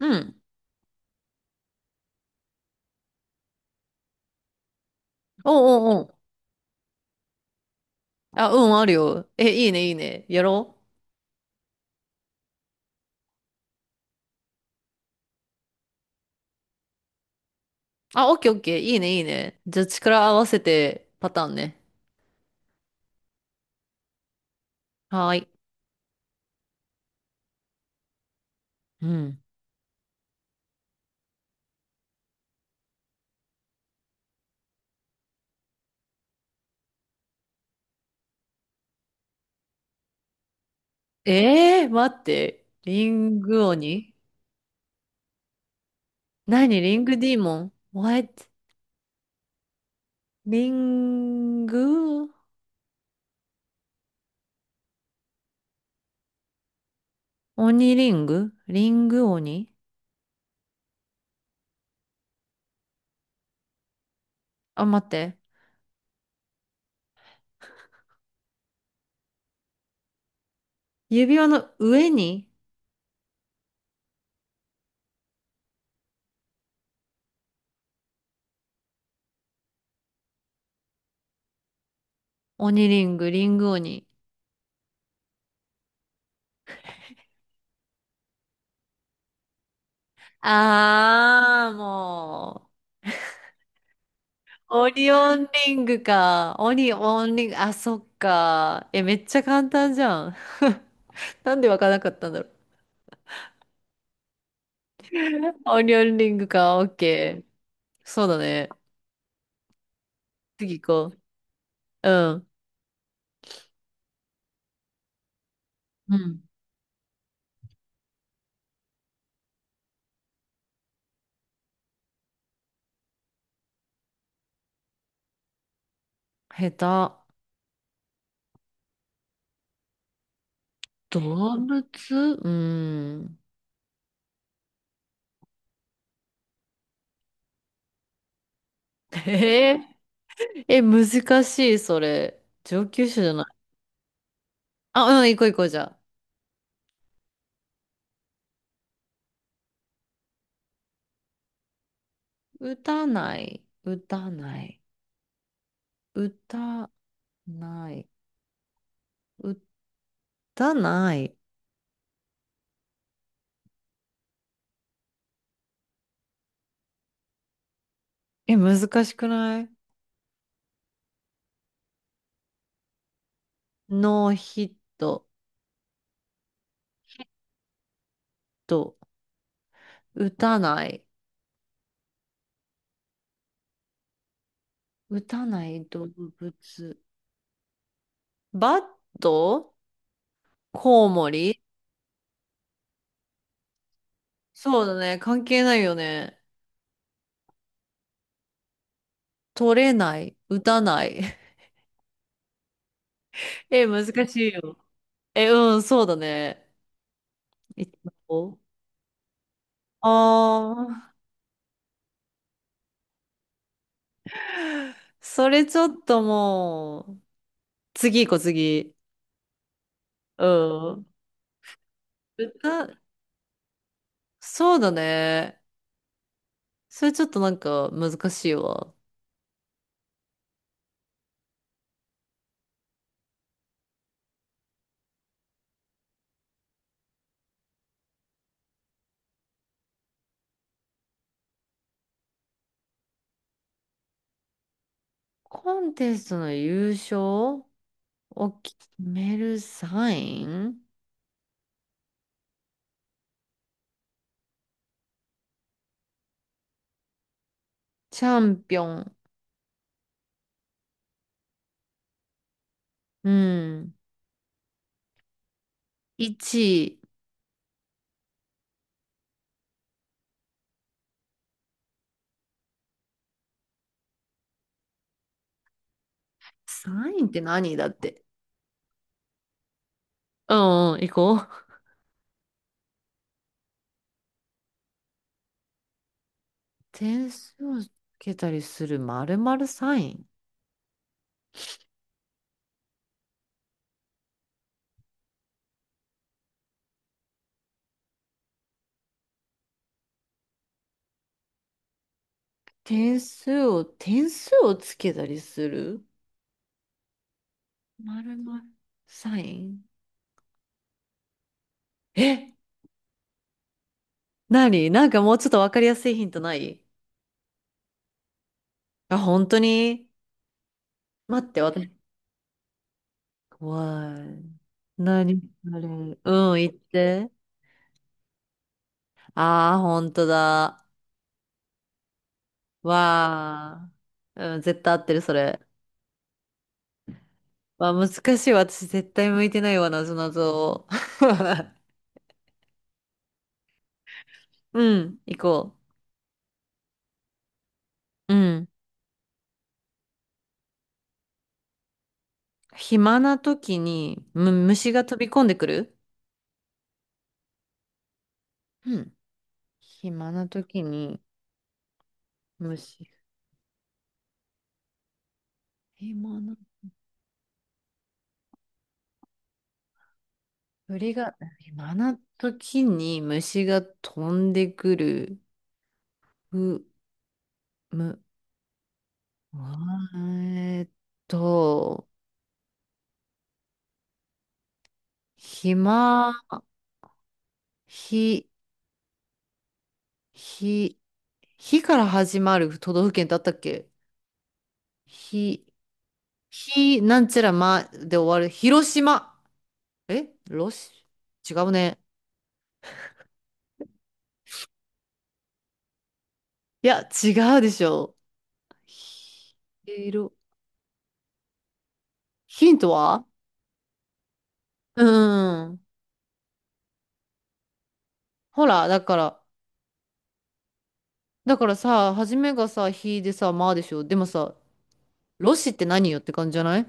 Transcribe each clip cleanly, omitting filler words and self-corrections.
うん。おうおうおう。あ、うん、あるよ。え、いいね、いいね。やろう。あ、オッケーオッケー。いいね、いいね。じゃあ、力合わせてパターンね。はーい。うん。待って。リング鬼何リングディーモン？ What？ リング鬼リングリング鬼あ、待って。指輪の上に鬼リング、リング鬼。あー、もう。オリオンリングか。オリオンリング、あ、そっか。え、めっちゃ簡単じゃん。なんでわからなかったんだろう。オリオンリングか、オッケー。そうだね。次行こう。うん。うん。下手。動物うん。ええ、難しい、それ。上級者じゃない。あ、うん、行こう行こう、じゃあ。歌ない。歌ない。歌ない。歌ない。え、難しくないノーヒットと、打たない、打たない動物。バットコウモリそうだね。関係ないよね。取れない、打たない。え、難しいよ。え、うん、そうだね。一応ああー、それちょっともう、次行こう、次。うん。歌、そうだね。それちょっとなんか難しいわ。コンテストの優勝を決めるサインチャンピオン。うん。1サインって何だって。うんうん、行こう。点数をつけたりする〇〇サイン。点数を、点数をつけたりする〇〇サイン。え、何なんかもうちょっとわかりやすいヒントないあ、本当に待って、私。怖い。何あれ。うん、言って。ああ、本当だ。わあ、うん、絶対合ってる、それ。わあ、難しいわ。私絶対向いてないわ、なぞなぞ。うん、行こう。うん。暇な時に、虫が飛び込んでくるうん。暇な時に、虫。暇な、鳥が、暇な時に虫が飛んでくる。う、む、うわーえーっと、暇、ひ、ひ、火から始まる都道府県ってあったっけ火、火なんちゃらまで終わる。広島。えロシ違うね。いや、違うでしょ。ひ色。ヒントはうん。ほら、だから、だからさ、初めがさ、火でさ、まあでしょ。でもさ、ロシって何よって感じじゃない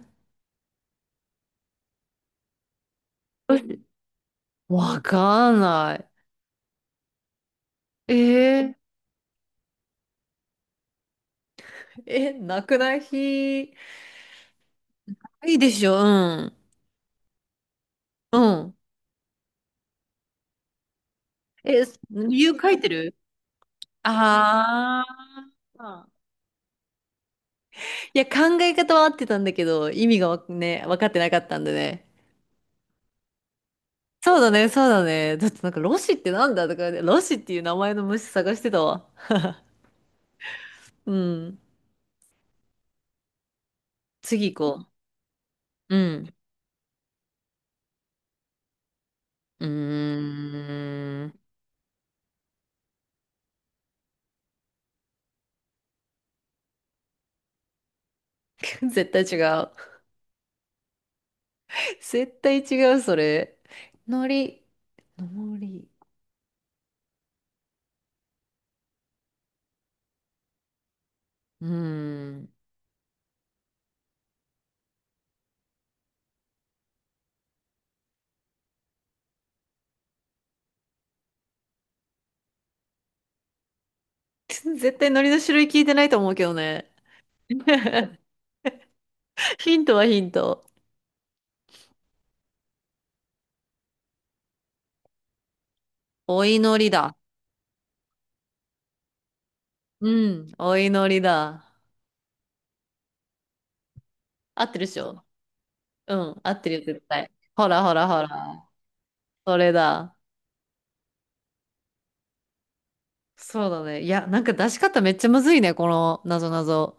ロシわかんない。えー、え、なくない火。いいでしょ、うん。うん。え、理由書いてるああ。いや、考え方は合ってたんだけど、意味がわね、分かってなかったんでね。そうだね、そうだね。だってなんか、ロシってなんだとかね、ロシっていう名前の虫探してたわ。うん。次行こう。うん。うーん。絶対違う。絶対違う、それ。のり。のり。うーん。絶対のりの種類聞いてないと思うけどね。ヒントはヒント。お祈りだ。うん。お祈りだ。合ってるでしょうん。合ってるよ、絶対。ほらほらほら。それだ。そうだね。いや、なんか出し方めっちゃむずいね、このなぞなぞ。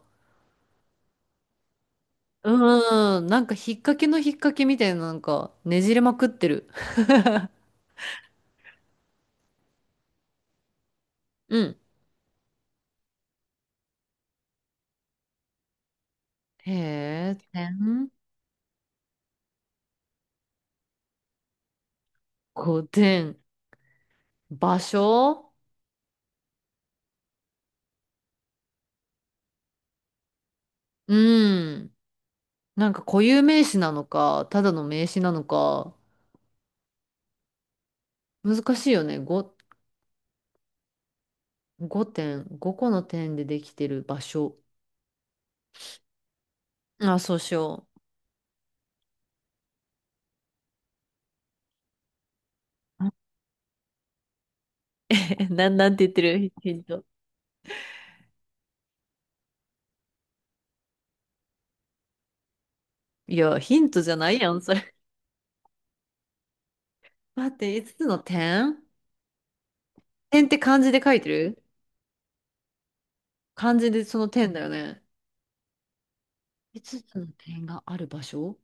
うーん。なんか引っ掛けの引っ掛けみたいな、なんかねじれまくってる。うん。へえ、点、5点。場所うん。なんか固有名詞なのか、ただの名詞なのか、難しいよね。ご5点、5個の点でできてる場所。あ、そうしよう。え、なんて言ってるヒント。いや、ヒントじゃないやん、それ。待って、5つつの点点って漢字で書いてる漢字でその点だよね。5つつの点がある場所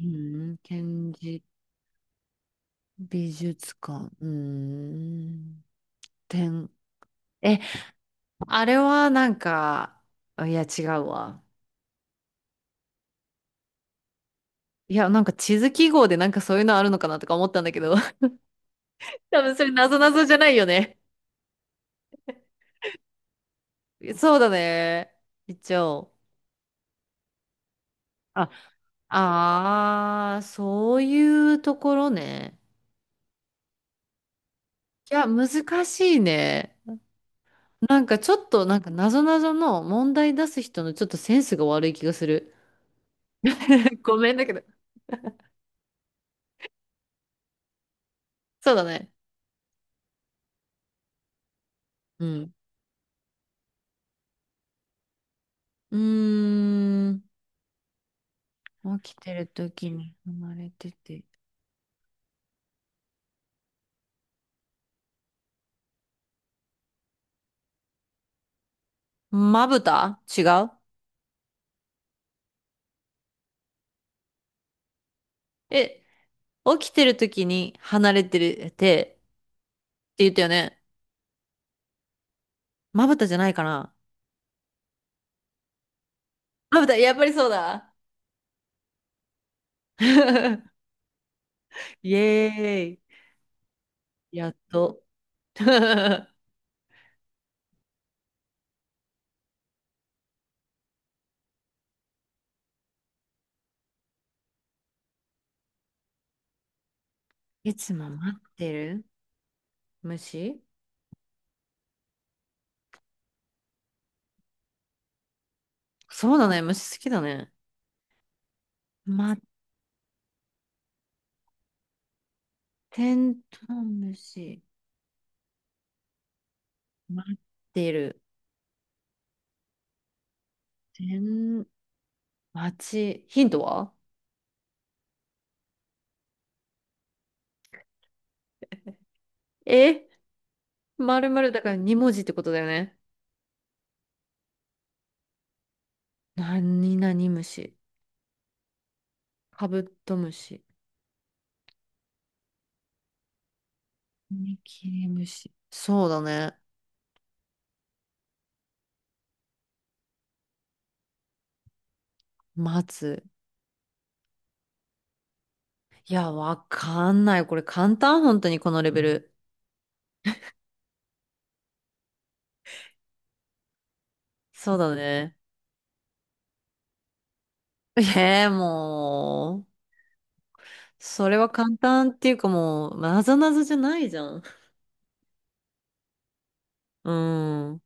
うーん、展示、美術館、うーん、点。え、あれはなんか、いや、違うわ。いや、なんか地図記号でなんかそういうのあるのかなとか思ったんだけど、多分それなぞなぞじゃないよね。そうだね。一応。ああ、そういうところね。いや、難しいね。なんかちょっと、なんか謎々の問題出す人のちょっとセンスが悪い気がする。ごめんだけど。そうだね。うん。うーん。起きてる時に離れてて。まぶた違うえ、起きてる時に離れてるてって言ったよね。まぶたじゃないかなまぶた、やっぱりそうだ。イエーイ。やっと。いつも待ってる虫そうだね、虫好きだね。待テントウムシ。待ってる。てん、待ち。ヒントはえまるまるだから2文字ってことだよね。何々虫。カブトムシ。カミキリムシ。そうだね。待つ。いや、わかんない。これ簡単、本当にこのレベル。そうだね。えー、もう。それは簡単っていうかもう、なぞなぞじゃないじゃん。うん。